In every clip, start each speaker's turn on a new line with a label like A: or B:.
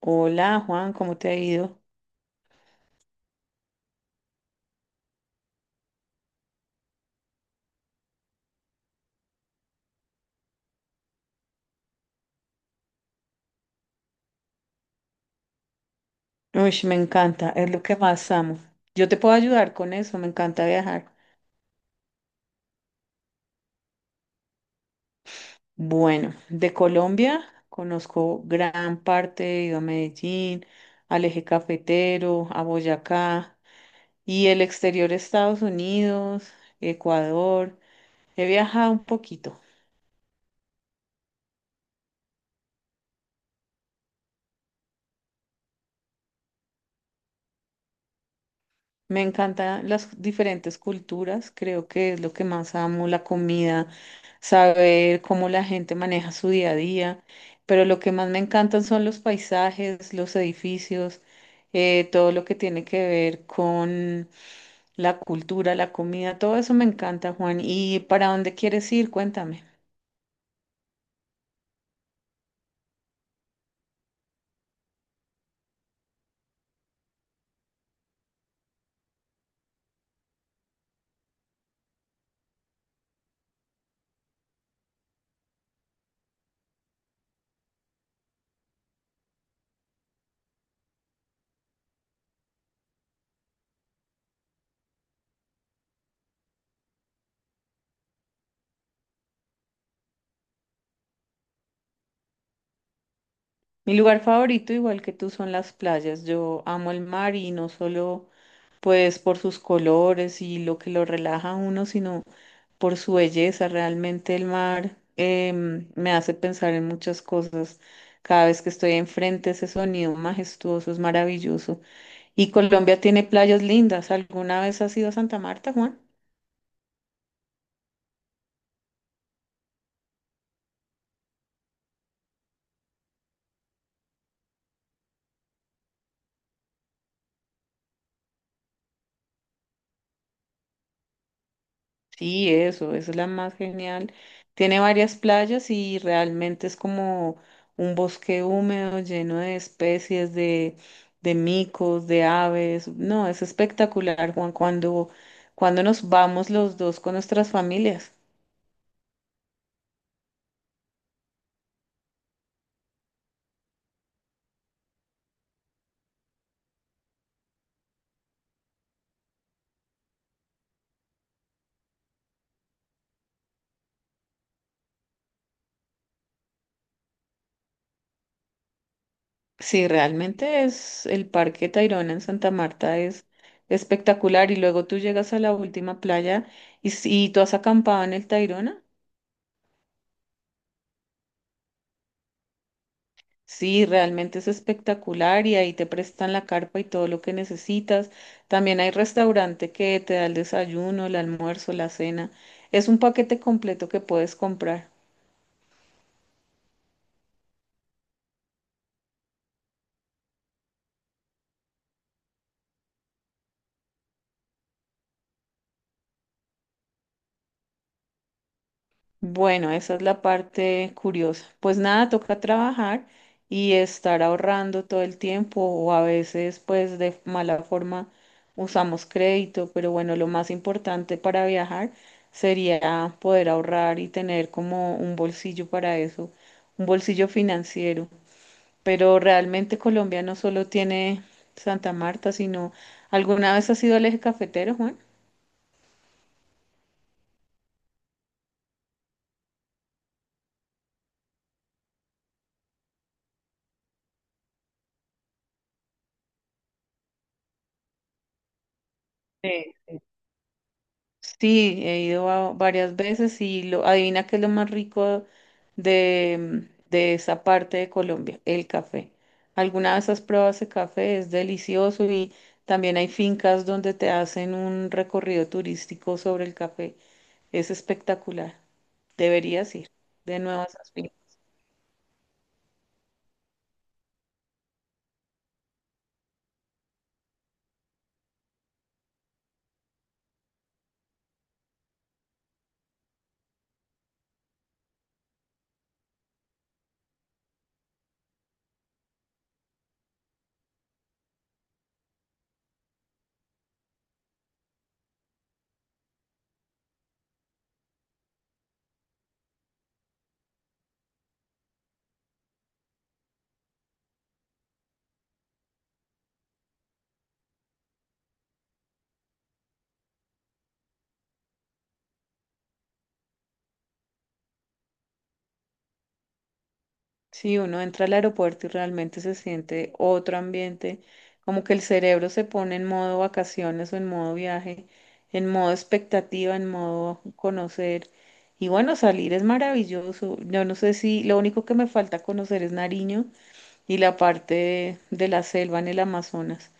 A: Hola Juan, ¿cómo te ha ido? Uy, me encanta, es lo que más amo. Yo te puedo ayudar con eso, me encanta viajar. Bueno, de Colombia conozco gran parte, he ido a Medellín, al Eje Cafetero, a Boyacá y el exterior de Estados Unidos, Ecuador. He viajado un poquito. Me encantan las diferentes culturas, creo que es lo que más amo, la comida, saber cómo la gente maneja su día a día, pero lo que más me encantan son los paisajes, los edificios, todo lo que tiene que ver con la cultura, la comida, todo eso me encanta, Juan. ¿Y para dónde quieres ir? Cuéntame. Mi lugar favorito, igual que tú, son las playas. Yo amo el mar y no solo pues por sus colores y lo que lo relaja a uno, sino por su belleza. Realmente el mar me hace pensar en muchas cosas. Cada vez que estoy enfrente, ese sonido majestuoso es maravilloso. Y Colombia tiene playas lindas. ¿Alguna vez has ido a Santa Marta, Juan? Sí, eso, esa es la más genial. Tiene varias playas y realmente es como un bosque húmedo lleno de especies de micos, de aves. No, es espectacular, Juan, cuando nos vamos los dos con nuestras familias. Sí, realmente es, el Parque Tayrona en Santa Marta es espectacular y luego tú llegas a la última playa y, y tú has acampado en el Tayrona. Sí, realmente es espectacular y ahí te prestan la carpa y todo lo que necesitas. También hay restaurante que te da el desayuno, el almuerzo, la cena. Es un paquete completo que puedes comprar. Bueno, esa es la parte curiosa. Pues nada, toca trabajar y estar ahorrando todo el tiempo o a veces pues de mala forma usamos crédito, pero bueno, lo más importante para viajar sería poder ahorrar y tener como un bolsillo para eso, un bolsillo financiero. Pero realmente Colombia no solo tiene Santa Marta, sino ¿alguna vez has ido al Eje Cafetero, Juan? Sí. Sí, he ido varias veces y lo, adivina qué es lo más rico de esa parte de Colombia, el café. Alguna vez has probado ese café, es delicioso y también hay fincas donde te hacen un recorrido turístico sobre el café. Es espectacular. Deberías ir de nuevo a esas fincas. Sí, uno entra al aeropuerto y realmente se siente otro ambiente, como que el cerebro se pone en modo vacaciones o en modo viaje, en modo expectativa, en modo conocer. Y bueno, salir es maravilloso. Yo no sé si lo único que me falta conocer es Nariño y la parte de la selva en el Amazonas.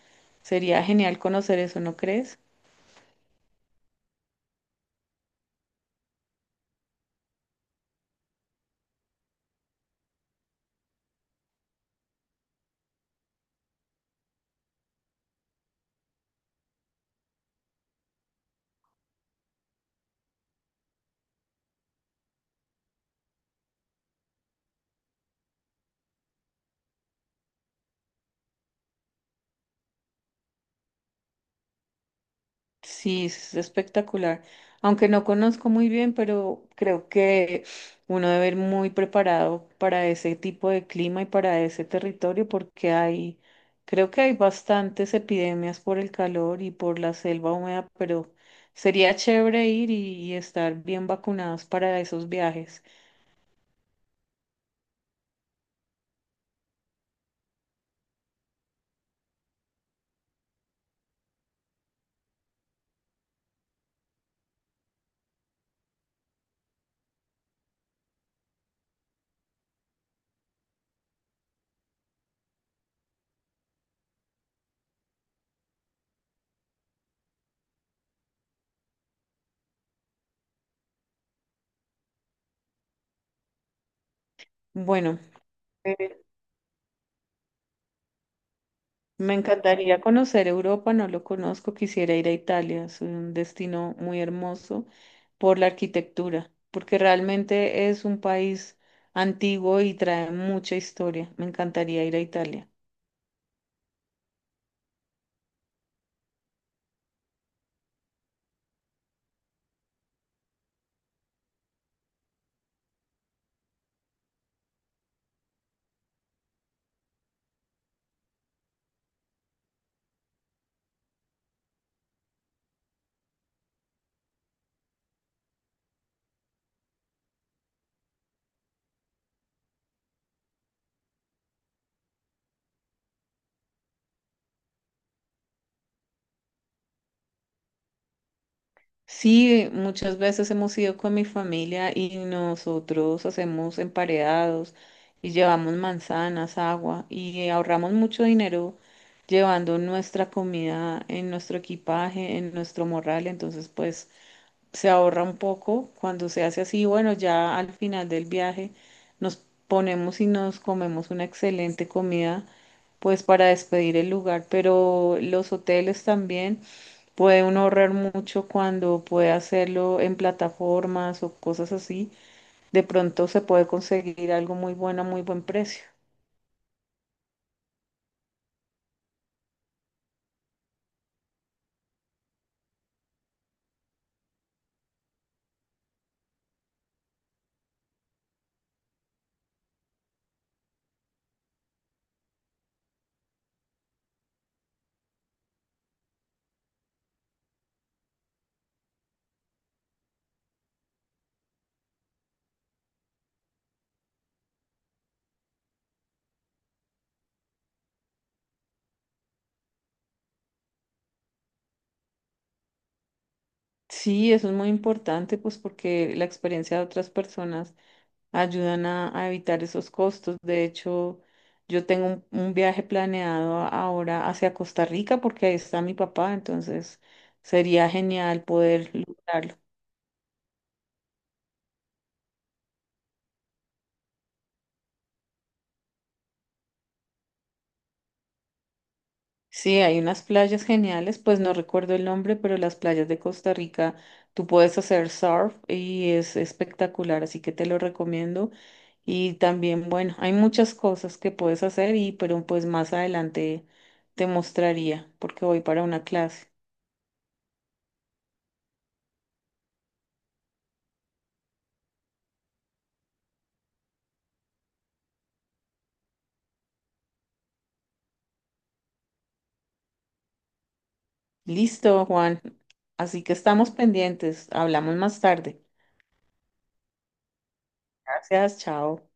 A: Sería genial conocer eso, ¿no crees? Sí, es espectacular. Aunque no conozco muy bien, pero creo que uno debe ir muy preparado para ese tipo de clima y para ese territorio porque hay, creo que hay bastantes epidemias por el calor y por la selva húmeda, pero sería chévere ir y estar bien vacunados para esos viajes. Bueno, eh, me encantaría conocer Europa, no lo conozco, quisiera ir a Italia, es un destino muy hermoso por la arquitectura, porque realmente es un país antiguo y trae mucha historia. Me encantaría ir a Italia. Sí, muchas veces hemos ido con mi familia y nosotros hacemos emparedados y llevamos manzanas, agua y ahorramos mucho dinero llevando nuestra comida en nuestro equipaje, en nuestro morral, entonces pues se ahorra un poco cuando se hace así. Bueno, ya al final del viaje nos ponemos y nos comemos una excelente comida, pues para despedir el lugar, pero los hoteles también puede uno ahorrar mucho cuando puede hacerlo en plataformas o cosas así. De pronto se puede conseguir algo muy bueno a muy buen precio. Sí, eso es muy importante, pues porque la experiencia de otras personas ayudan a evitar esos costos. De hecho, yo tengo un viaje planeado ahora hacia Costa Rica porque ahí está mi papá, entonces sería genial poder lograrlo. Sí, hay unas playas geniales, pues no recuerdo el nombre, pero las playas de Costa Rica, tú puedes hacer surf y es espectacular, así que te lo recomiendo. Y también, bueno, hay muchas cosas que puedes hacer y pero pues más adelante te mostraría porque voy para una clase. Listo, Juan. Así que estamos pendientes. Hablamos más tarde. Gracias, chao.